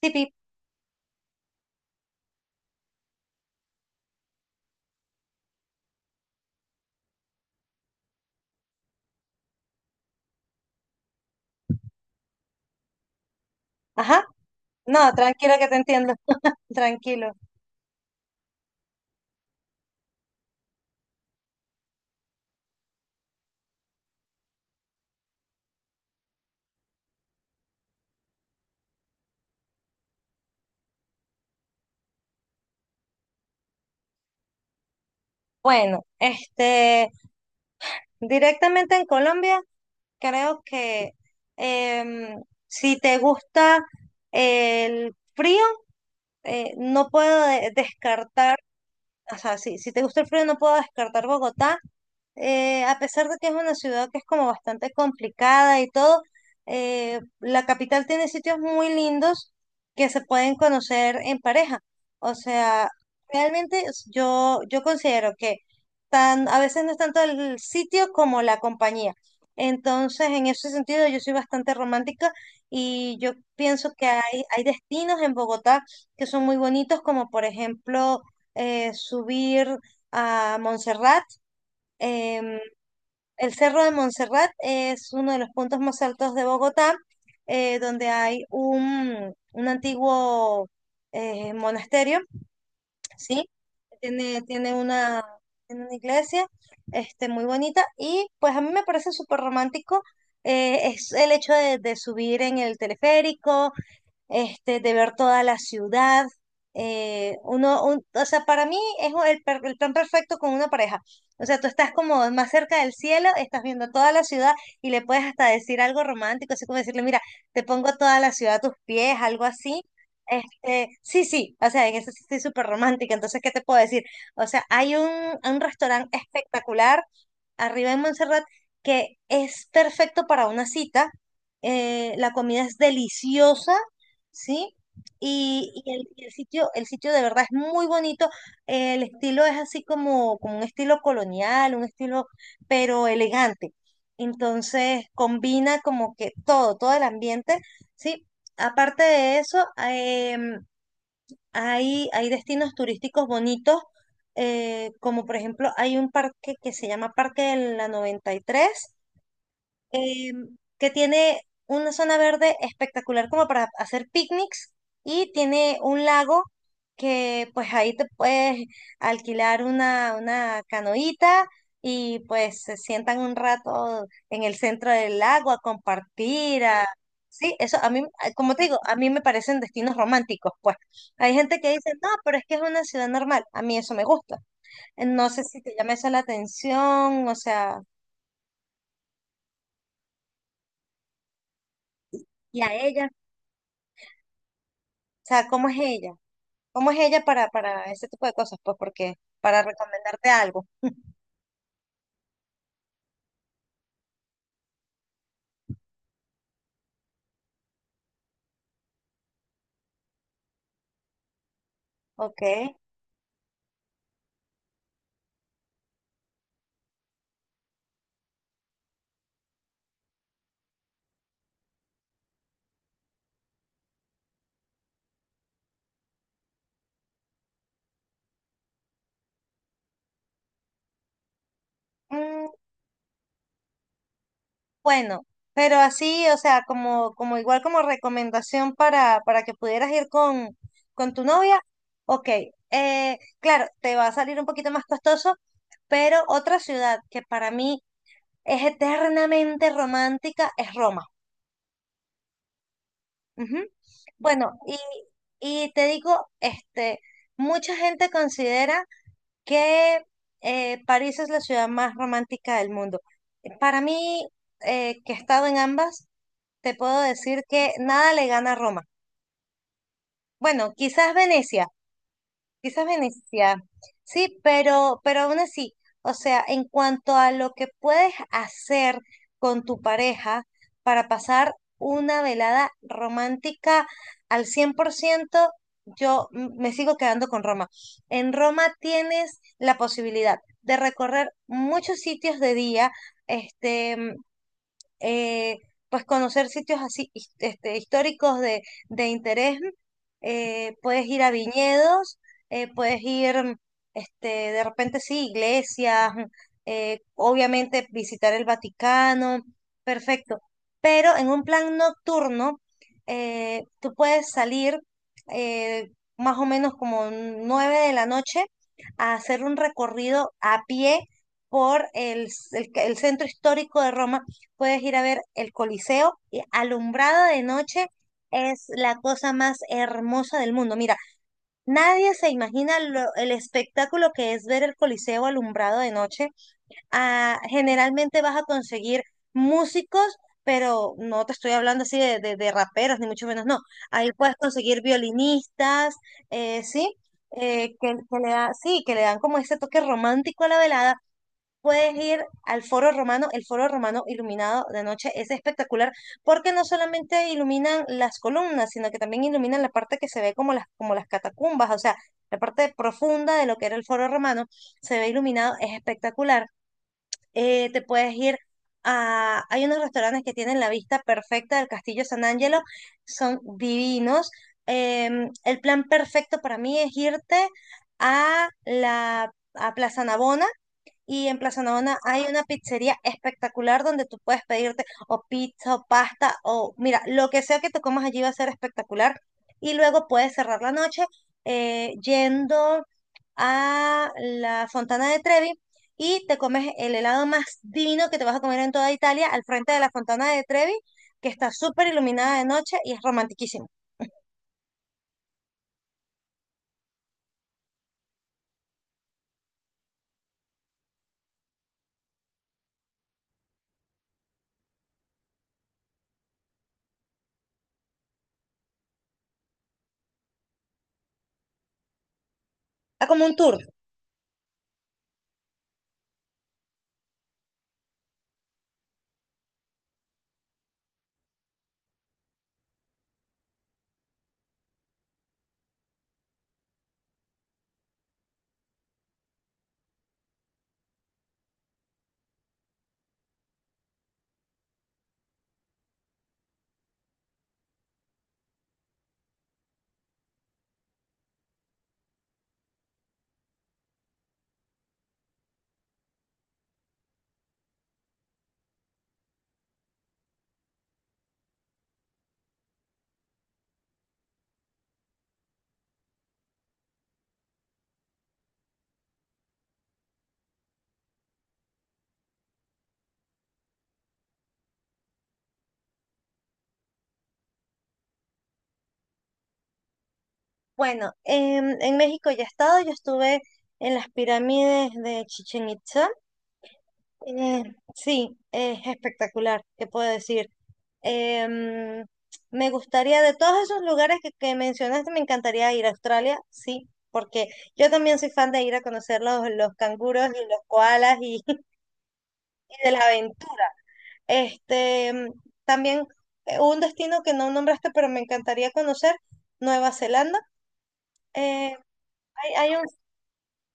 Tipi. Ajá, no, tranquilo que te entiendo, tranquilo. Bueno, directamente en Colombia, creo que em, si te gusta el frío, no puedo descartar. O sea, si te gusta el frío, no puedo descartar Bogotá, a pesar de que es una ciudad que es como bastante complicada y todo. La capital tiene sitios muy lindos que se pueden conocer en pareja. O sea, realmente es- yo considero que tan, a veces no es tanto el sitio como la compañía. Entonces, en ese sentido, yo soy bastante romántica y yo pienso que hay destinos en Bogotá que son muy bonitos, como por ejemplo subir a Montserrat. em, el Cerro de Montserrat es uno de los puntos más altos de Bogotá, donde hay un antiguo monasterio, ¿sí? Tiene una, tiene una iglesia muy bonita y pues a mí me parece súper romántico. Es el hecho de subir en el teleférico, este, de ver toda la ciudad. O sea, para mí es el, el plan perfecto con una pareja. O sea, tú estás como más cerca del cielo, estás viendo toda la ciudad y le puedes hasta decir algo romántico, así como decirle, mira, te pongo toda la ciudad a tus pies, algo así. Este, sí, sí, o sea, en eso sí estoy súper romántica, entonces, ¿qué te puedo decir? O sea, hay un restaurante espectacular arriba en Montserrat que es perfecto para una cita. La comida es deliciosa, ¿sí? Y el sitio de verdad es muy bonito. El estilo es así como, como un estilo colonial, un estilo, pero elegante. Entonces combina como que todo, todo el ambiente, ¿sí? Aparte de eso, em, hay destinos turísticos bonitos, como por ejemplo hay un parque que se llama Parque de la 93, eh, que tiene una zona verde espectacular como para hacer picnics y tiene un lago que pues ahí te puedes alquilar una canoita y pues se sientan un rato en el centro del lago a compartir, a... Sí, eso a mí, a- como te digo, a mí me parecen destinos románticos, pues. Hay gente que dice, no, pero es que es una ciudad normal. A mí eso me gusta. No sé si te llama eso la atención, o sea, ¿y a ella? O sea, ¿cómo es ella? ¿Cómo es ella para ese tipo de cosas? Pues porque, para recomendarte algo. Ok. Mm, bueno, pero así, o sea, como, como igual como recomendación para que pudieras ir con tu novia. Ok. Claro, te va a salir un poquito más costoso, pero otra ciudad que para mí es eternamente romántica es Roma. Ujú. Bueno, y te digo, mucha gente considera que París es la ciudad más romántica del mundo. Para mí, que he estado en ambas, te puedo decir que nada le gana a Roma. Bueno, quizás Venecia, quizás Venecia. Sí, pero aún así, o sea, en cuanto a lo que puedes hacer con tu pareja para pasar una velada romántica al 100%, yo me sigo quedando con Roma. En Roma tienes la posibilidad de recorrer muchos sitios de día, este, eh, pues conocer sitios así este, históricos de interés. Puedes ir a viñedos, puedes ir, este, de repente sí, iglesias, obviamente visitar el Vaticano, perfecto. Pero en un plan nocturno, tú puedes salir eh, más o menos como nueve de la noche a hacer un recorrido a pie por el, el centro histórico de Roma. Puedes ir a ver el Coliseo y alumbrado de noche es la cosa más hermosa del mundo. Mira, nadie se imagina lo- el espectáculo que es ver el Coliseo alumbrado de noche. Ah, generalmente vas a conseguir músicos, pero no te estoy hablando así de raperos, ni mucho menos, no. Ahí puedes conseguir violinistas, ¿sí? Que le da, sí, que le dan como ese toque romántico a la velada. Puedes ir al Foro Romano, el Foro Romano iluminado de noche es espectacular porque no solamente iluminan las columnas, sino que también iluminan la parte que se ve como las catacumbas, o sea, la parte profunda de lo que era el Foro Romano, se ve iluminado, es espectacular. Te puedes ir a, hay unos restaurantes que tienen la vista perfecta del Castillo San Angelo, son divinos. Em, el plan perfecto para mí es irte a la a Plaza Navona y en Plaza Navona hay una pizzería espectacular donde tú puedes pedirte o pizza o pasta o mira, lo que sea que te comas allí va a ser espectacular. Y luego puedes cerrar la noche yendo a la Fontana de Trevi y te comes el helado más divino que te vas a comer en toda Italia al frente de la Fontana de Trevi, que está súper iluminada de noche y es romantiquísimo. Ah, como un tour. Bueno, en México ya he estado, yo estuve en las pirámides de Chichen Itza. Eh, sí, es espectacular, ¿qué puedo decir? Em, Me gustaría, de todos esos lugares que mencionaste, me encantaría ir a Australia, sí, porque yo también soy fan de ir a conocer los canguros y los koalas y, y de la aventura. Este, em, también un destino que no nombraste, pero me encantaría conocer, Nueva Zelanda. Eh, hay, hay un,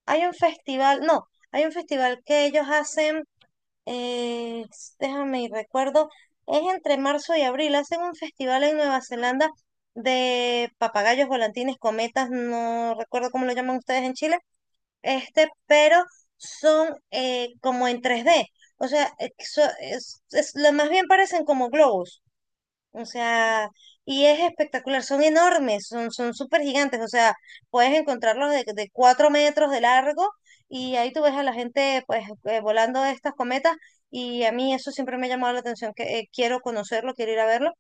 hay un festival, no, hay un festival que ellos hacen eh, déjame y recuerdo, es entre marzo y abril. Hacen un festival en Nueva Zelanda de papagayos, volantines, cometas, no recuerdo cómo lo llaman ustedes en Chile, este, pero son como en tres d. O sea, lo más bien parecen como globos. O sea, y es espectacular, son enormes, son, son súper gigantes, o sea, puedes encontrarlos de 4 metros de largo y ahí tú ves a la gente pues volando estas cometas y a mí eso siempre me ha llamado la atención, que quiero conocerlo, quiero ir a verlo.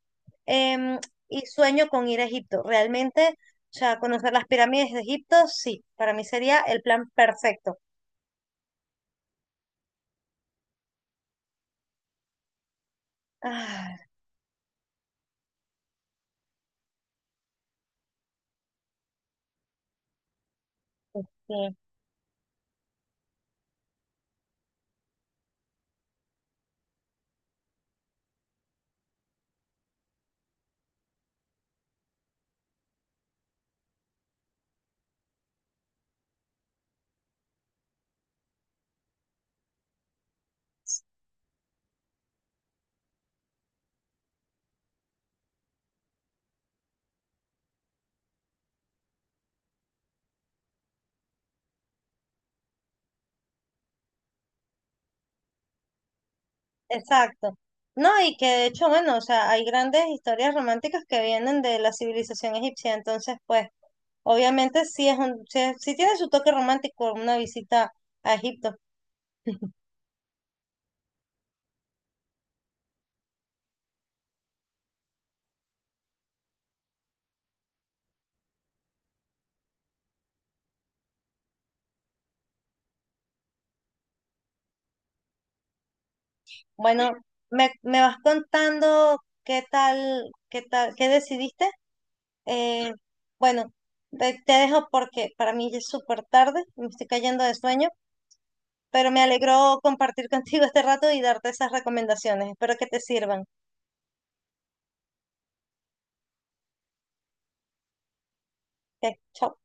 Em, y sueño con ir a Egipto, realmente, o sea, conocer las pirámides de Egipto, sí, para mí sería el plan perfecto. Ah, exacto. No, y que de hecho, bueno, o sea, hay grandes historias románticas que vienen de la civilización egipcia, entonces, pues, obviamente sí es un, sí, es- sí tiene su toque romántico una visita a Egipto. Bueno, me vas contando qué tal, qué tal, qué decidiste. Eh, bueno, te, te dejo porque para mí ya es súper tarde, me estoy cayendo de sueño. Pero me alegró compartir contigo este rato y darte esas recomendaciones. Espero que te sirvan. Ok, chao.